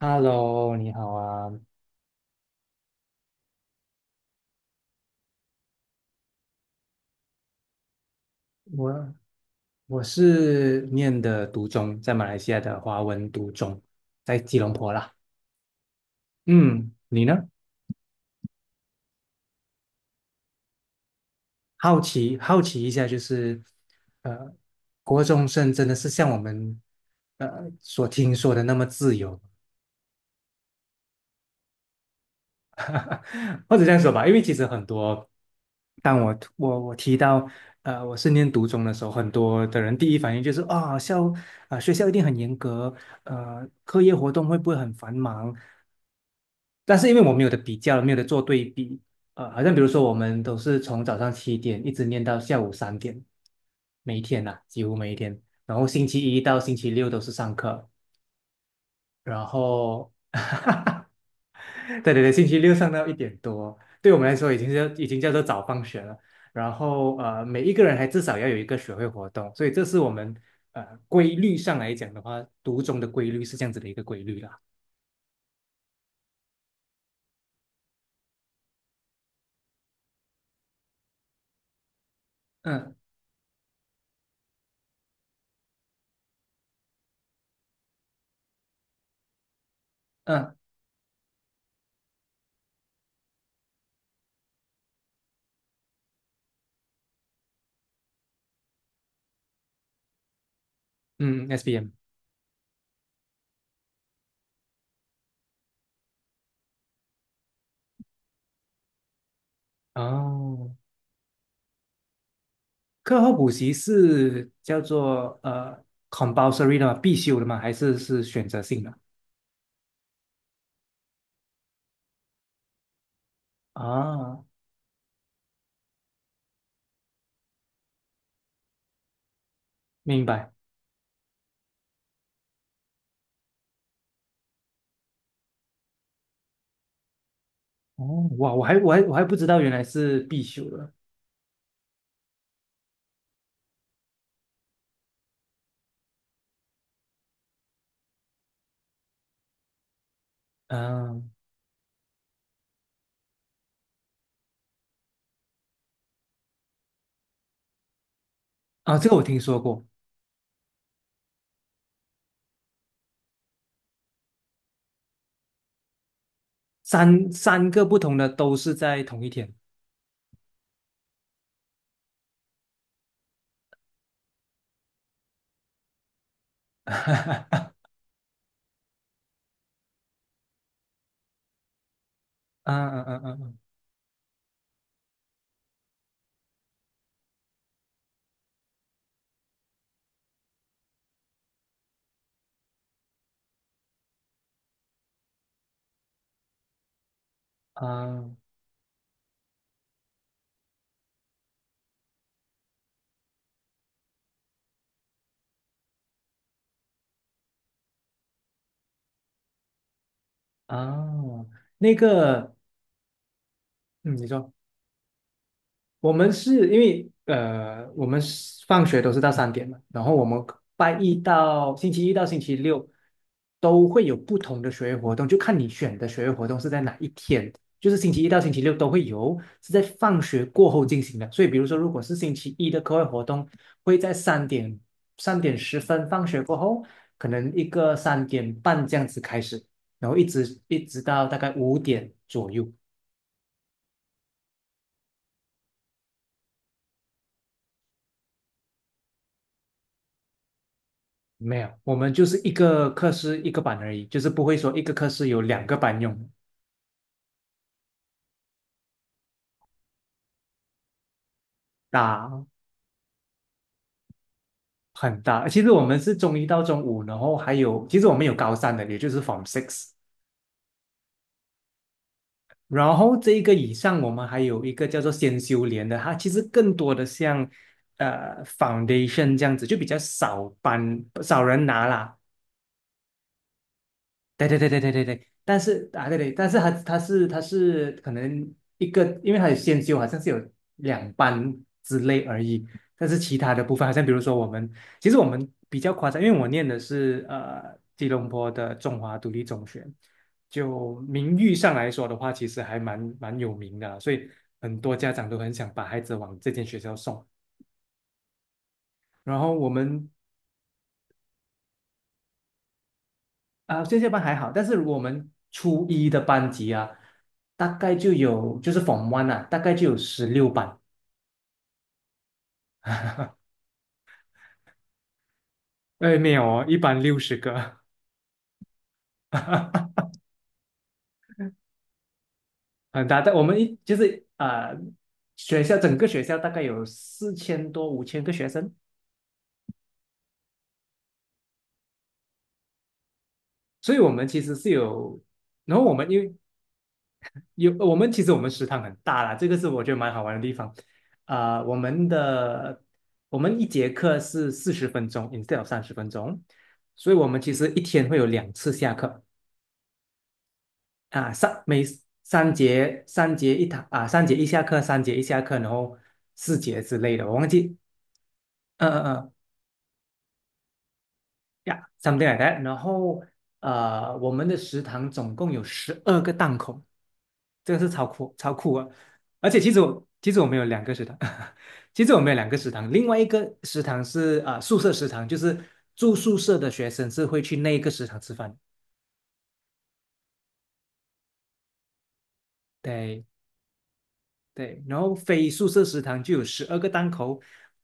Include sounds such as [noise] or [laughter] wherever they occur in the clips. Hello，你好啊，我我是念的读中，在马来西亚的华文读中，在吉隆坡啦。嗯，你呢？好奇好奇一下，就是呃，国中生真的是像我们所听说的那么自由？[laughs] 或者这样说吧，因为其实很多，当我提到我是念读中的时候，很多的人第一反应就是啊、校啊、学校一定很严格，课业活动会不会很繁忙？但是因为我没有的比较，没有的做对比，好像比如说我们都是从早上七点一直念到下午三点，每一天呐、几乎每一天。然后星期一到星期六都是上课，然后，[laughs] 对对对，星期六上到一点多，对我们来说已经叫做早放学了。然后每一个人还至少要有一个学会活动，所以这是我们规律上来讲的话，读中的规律是这样子的一个规律啦。嗯嗯嗯，SBM 哦，课后补习是叫做compulsory 的吗？必修的吗？还是是选择性的？啊，明白。哦，哇，我还不知道原来是必修的。嗯，啊，这个我听说过，三个不同的都是在同一天。[laughs] 啊啊啊啊啊啊！啊那个，嗯，你说。我们是因为我们是放学都是到三点嘛，然后我们拜一到星期一到星期六都会有不同的学业活动，就看你选的学业活动是在哪一天，就是星期一到星期六都会有，是在放学过后进行的。所以，比如说，如果是星期一的课外活动，会在三点十分放学过后，可能一个三点半这样子开始，然后一直到大概五点左右。没有，我们就是一个课室一个班而已，就是不会说一个课室有两个班用，大很大。其实我们是中一到中五，然后还有，其实我们有高三的，也就是 Form Six。然后这一个以上，我们还有一个叫做先修连的，它其实更多的像呃 Foundation 这样子，就比较少班少人拿啦。对对对对对对对，但是啊对对，但是他是可能一个，因为他有先修，好像是有两班之类而已。但是其他的部分，好像比如说我们，其实我们比较夸张，因为我念的是吉隆坡的中华独立中学，就名誉上来说的话，其实还蛮有名的啊所以很多家长都很想把孩子往这间学校送。然后我们啊，线下班还好，但是我们初一的班级啊，大概就有就是 Form One 啊，大概就有十六班。哎，没有哦，一班六十个，[laughs] 很大。但我们一就是啊、呃学校整个学校大概有四千多五千个学生，所以我们其实是有。然后我们因为有呃我们其实我们食堂很大啦，这个是我觉得蛮好玩的地方。啊、我们一节课是四十分钟，instead of 三十分钟，所以我们其实一天会有两次下课啊，三节一堂啊，三节一下课，然后四节之类的，我忘记，嗯嗯嗯呀，something like that。然后我们的食堂总共有十二个档口，这个是超酷啊！而且其实我们有两个食堂，[laughs] 其实我们有两个食堂，另外一个食堂是啊、宿舍食堂，就是住宿舍的学生是会去那一个食堂吃饭。对，对，然后非宿舍食堂就有十二个档口，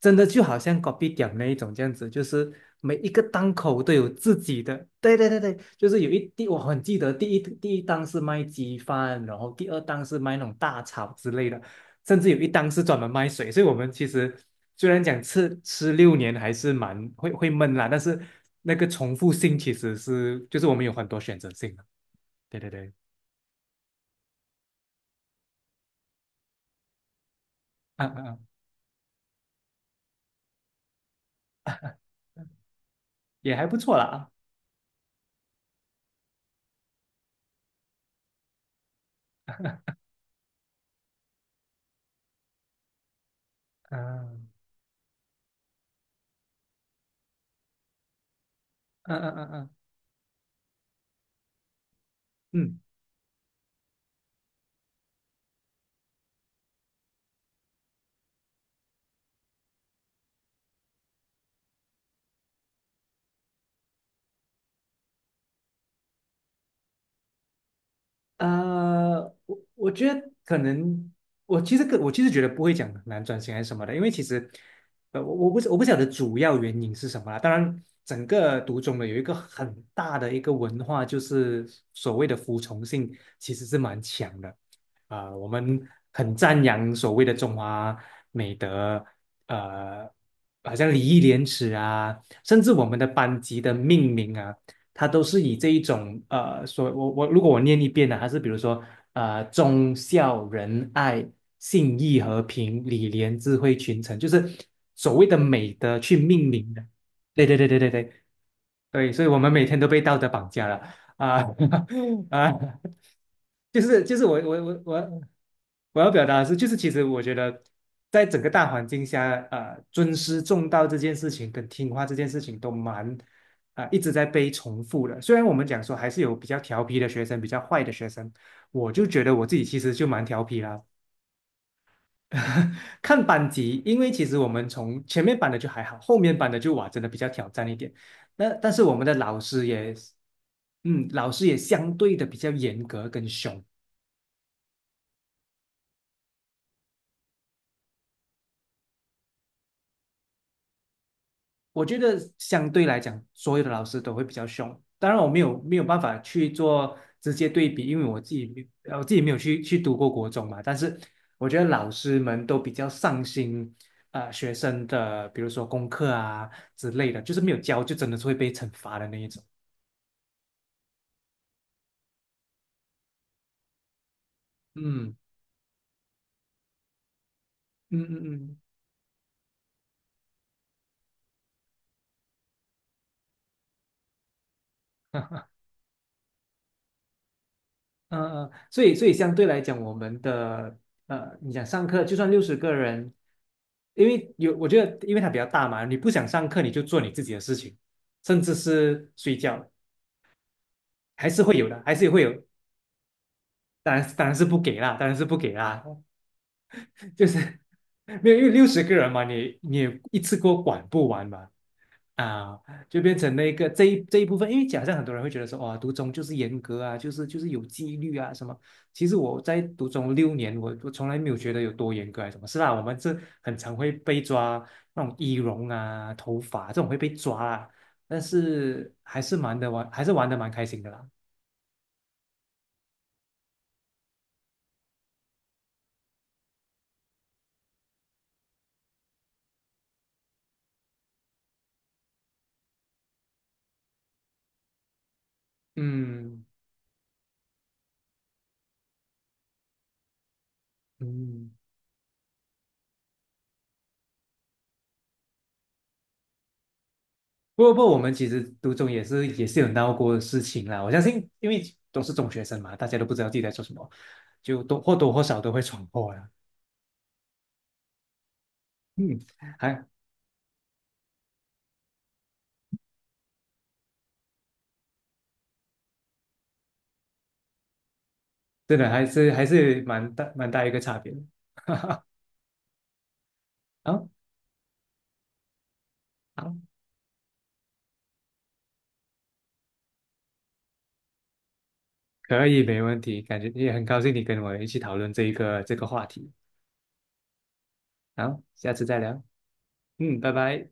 真的就好像隔壁 p 那一种这样子，就是每一个档口都有自己的。对对对对，就是有一第我很记得第一档是卖鸡饭，然后第二档是卖那种大炒之类的，甚至有一档是专门卖水。所以我们其实虽然讲吃六年还是会闷啦，但是那个重复性其实是就是我们有很多选择性的。对对对，嗯嗯嗯，也还不错啦。啊，嗯嗯嗯嗯。嗯我我觉得可能，我其实觉得不会讲很难转型还是什么的，因为其实，我不晓得主要原因是什么啦。当然，整个读中的有一个很大的一个文化，就是所谓的服从性其实是蛮强的。啊、我们很赞扬所谓的中华美德，呃，好像礼义廉耻啊，甚至我们的班级的命名啊。他都是以这一种所我我如果我念一遍呢，还是比如说忠孝仁爱、信义和平、礼廉智慧群臣，就是所谓的美德去命名的。对对对对对对对，所以我们每天都被道德绑架了啊 [laughs] 啊！就是就是我我我我我要表达的是，就是其实我觉得，在整个大环境下，尊师重道这件事情跟听话这件事情都蛮一直在被重复的。虽然我们讲说还是有比较调皮的学生，比较坏的学生，我就觉得我自己其实就蛮调皮啦。[laughs] 看班级，因为其实我们从前面班的就还好，后面班的就哇，真的比较挑战一点。那但是我们的老师也，嗯，老师也相对的比较严格跟凶。我觉得相对来讲，所有的老师都会比较凶。当然，我没有办法去做直接对比，因为我自己没有，我自己没有去去读过国中嘛。但是我觉得老师们都比较上心，学生的比如说功课啊之类的，就是没有教就真的是会被惩罚的那一种。嗯嗯嗯嗯。[laughs] 嗯嗯，所以相对来讲，我们的你想上课，就算六十个人，因为有我觉得，因为它比较大嘛，你不想上课，你就做你自己的事情，甚至是睡觉，还是会有的，还是会有。当然是不给啦，就是 [laughs] 没有，因为六十个人嘛，也一次过管不完嘛，啊，就变成那个这一部分，因为假设很多人会觉得说，哇，读中就是严格啊，就是有纪律啊什么。其实我在读中六年，我从来没有觉得有多严格还是什么。是啦，我们这很常会被抓那种仪容啊、头发这种会被抓啊，但是还是蛮的玩，还是玩的蛮开心的啦。嗯嗯，不过我们其实读中也是有闹过的事情啦。我相信，因为都是中学生嘛，大家都不知道自己在做什么，就多或少都会闯祸啦。嗯，还真的还是蛮大一个差别的。好，好，可以，没问题，感觉也很高兴你跟我一起讨论这个话题。好，下次再聊。嗯，拜拜。